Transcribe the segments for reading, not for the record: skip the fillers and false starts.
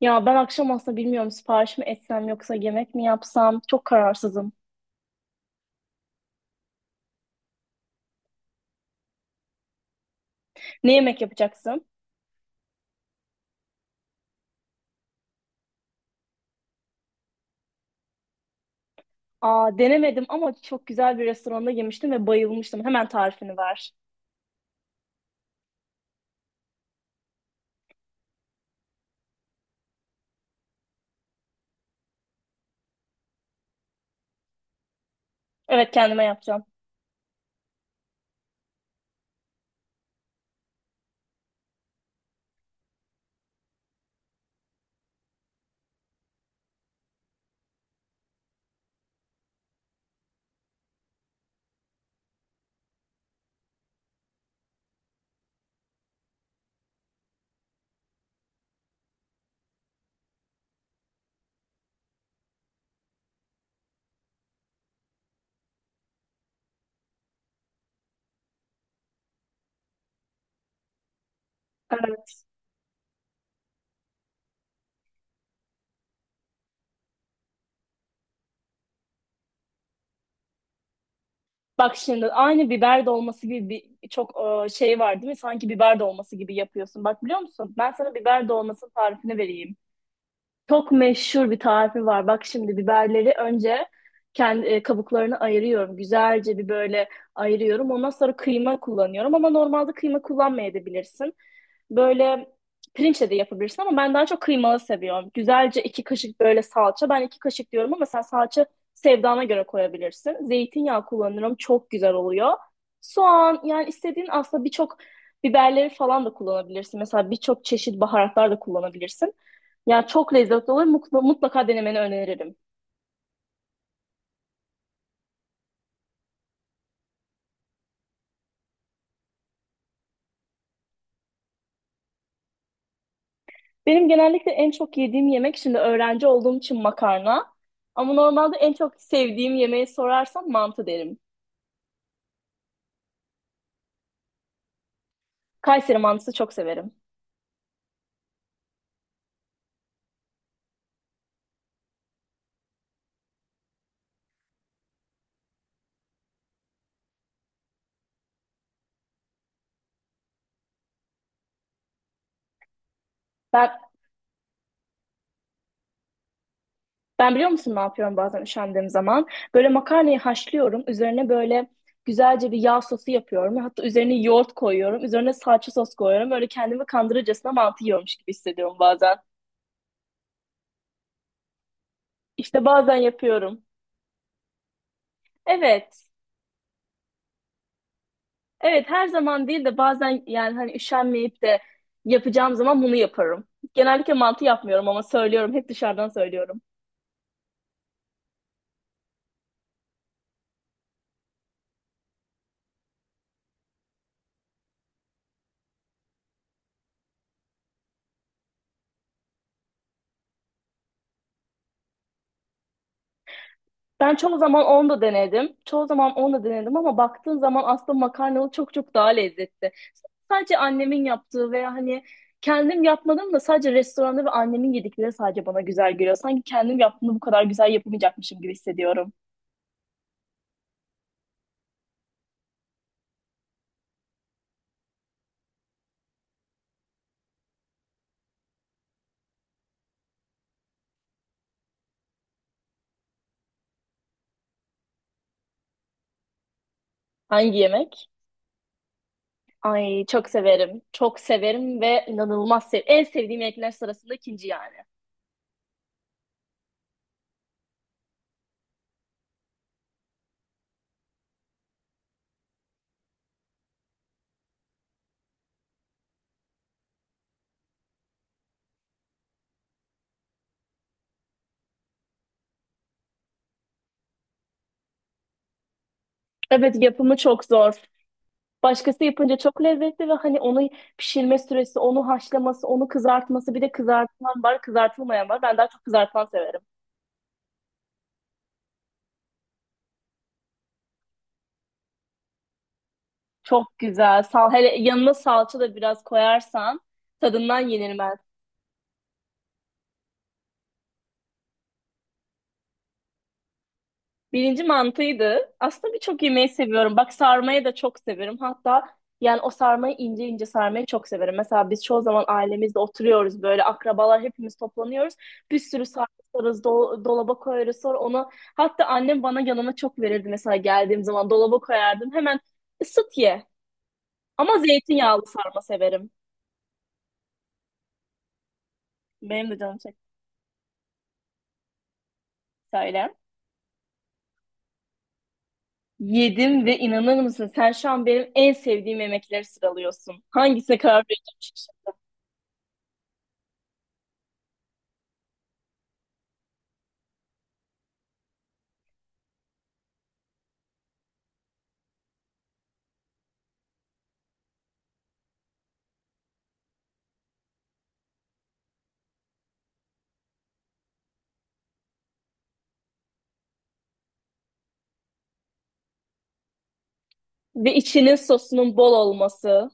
Ya ben akşam aslında bilmiyorum sipariş mi etsem yoksa yemek mi yapsam çok kararsızım. Ne yemek yapacaksın? Aa denemedim ama çok güzel bir restoranda yemiştim ve bayılmıştım. Hemen tarifini ver. Evet kendime yapacağım. Evet. Bak şimdi aynı biber dolması gibi bir çok şey var değil mi? Sanki biber dolması gibi yapıyorsun. Bak biliyor musun? Ben sana biber dolmasının tarifini vereyim. Çok meşhur bir tarifi var. Bak şimdi biberleri önce kendi kabuklarını ayırıyorum. Güzelce bir böyle ayırıyorum. Ondan sonra kıyma kullanıyorum ama normalde kıyma kullanmayabilirsin. Böyle pirinçle de yapabilirsin ama ben daha çok kıymalı seviyorum. Güzelce iki kaşık böyle salça. Ben iki kaşık diyorum ama sen salça sevdana göre koyabilirsin. Zeytinyağı kullanırım. Çok güzel oluyor. Soğan yani istediğin aslında birçok biberleri falan da kullanabilirsin. Mesela birçok çeşit baharatlar da kullanabilirsin. Ya çok lezzetli olur. Mutlaka denemeni öneririm. Benim genellikle en çok yediğim yemek şimdi öğrenci olduğum için makarna. Ama normalde en çok sevdiğim yemeği sorarsan mantı derim. Kayseri mantısı çok severim. Ben ben biliyor musun ne yapıyorum bazen üşendiğim zaman? Böyle makarnayı haşlıyorum. Üzerine böyle güzelce bir yağ sosu yapıyorum. Hatta üzerine yoğurt koyuyorum. Üzerine salça sos koyuyorum. Böyle kendimi kandırırcasına mantı yiyormuş gibi hissediyorum bazen. İşte bazen yapıyorum. Evet. Evet her zaman değil de bazen yani hani üşenmeyip de yapacağım zaman bunu yaparım. Genellikle mantı yapmıyorum ama söylüyorum. Hep dışarıdan söylüyorum. Ben çoğu zaman onu da denedim. Çoğu zaman onu da denedim ama baktığın zaman aslında makarnalı çok çok daha lezzetli. Sadece annemin yaptığı veya hani kendim yapmadım da sadece restoranda ve annemin yedikleri sadece bana güzel geliyor. Sanki kendim yaptığımda bu kadar güzel yapamayacakmışım gibi hissediyorum. Hangi yemek? Ay çok severim. Çok severim ve inanılmaz sev. En sevdiğim yemekler sırasında ikinci yani. Evet yapımı çok zor. Başkası yapınca çok lezzetli ve hani onu pişirme süresi, onu haşlaması, onu kızartması bir de kızartılan var, kızartılmayan var. Ben daha çok kızartılan severim. Çok güzel. Sal hele yanına salça da biraz koyarsan tadından yenilmez. Birinci mantıydı. Aslında birçok yemeği seviyorum. Bak sarmayı da çok severim. Hatta yani o sarmayı ince ince sarmayı çok severim. Mesela biz çoğu zaman ailemizle oturuyoruz böyle akrabalar hepimiz toplanıyoruz. Bir sürü sarma sararız, dolaba koyarız sonra onu. Hatta annem bana yanına çok verirdi mesela geldiğim zaman dolaba koyardım. Hemen ısıt ye. Ama zeytinyağlı sarma severim. Benim de canım çekti söyle. Yedim ve inanır mısın sen şu an benim en sevdiğim yemekleri sıralıyorsun. Hangisine karar vereceğim ve içinin sosunun bol olması.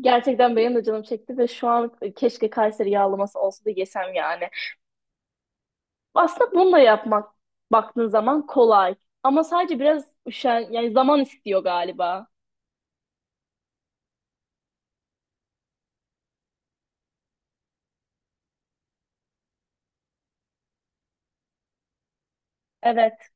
Gerçekten benim de canım çekti ve şu an keşke Kayseri yağlaması olsa da yesem yani. Aslında bunu da yapmak baktığın zaman kolay. Ama sadece biraz üşen, yani zaman istiyor galiba. Evet.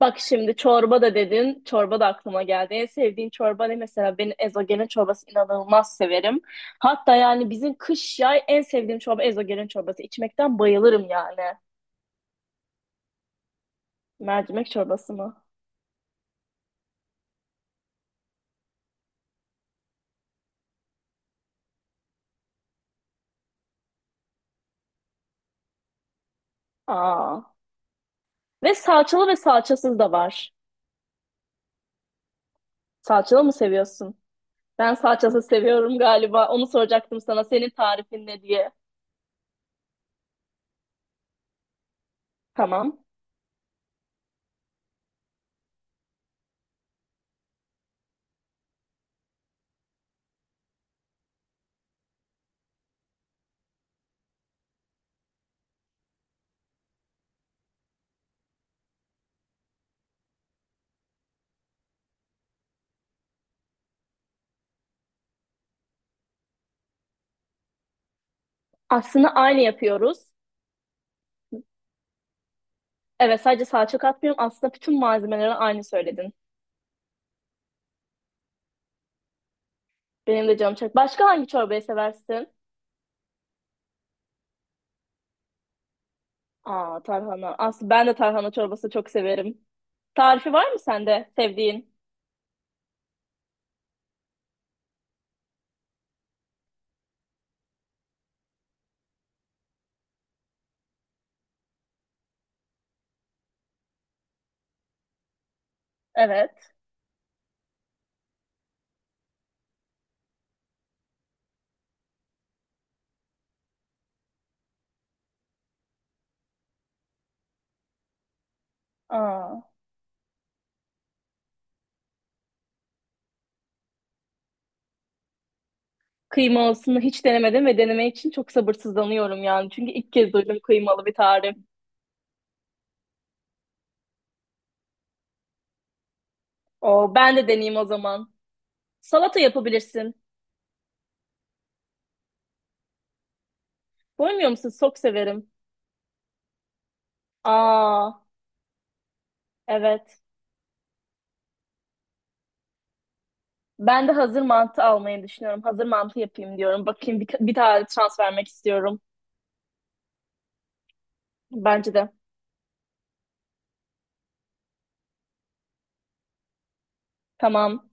Bak şimdi çorba da dedin. Çorba da aklıma geldi. En sevdiğin çorba ne mesela? Ben ezogelin çorbası inanılmaz severim. Hatta yani bizim kış yay en sevdiğim çorba ezogelin çorbası. İçmekten bayılırım yani. Mercimek çorbası mı? Aa. Ve salçalı ve salçasız da var. Salçalı mı seviyorsun? Ben salçasız seviyorum galiba. Onu soracaktım sana. Senin tarifin ne diye. Tamam. Aslında aynı yapıyoruz. Evet sadece salça katmıyorum. Aslında bütün malzemeleri aynı söyledin. Benim de canım çok. Başka hangi çorbayı seversin? Aa tarhana. Aslında ben de tarhana çorbası çok severim. Tarifi var mı sende sevdiğin? Evet. Aa. Kıymalısını hiç denemedim ve deneme için çok sabırsızlanıyorum yani. Çünkü ilk kez duydum kıymalı bir tarif. Oo, ben de deneyeyim o zaman. Salata yapabilirsin. Koymuyor musun? Çok severim. Aa, evet. Ben de hazır mantı almayı düşünüyorum. Hazır mantı yapayım diyorum. Bakayım bir tane şans vermek istiyorum. Bence de. Tamam.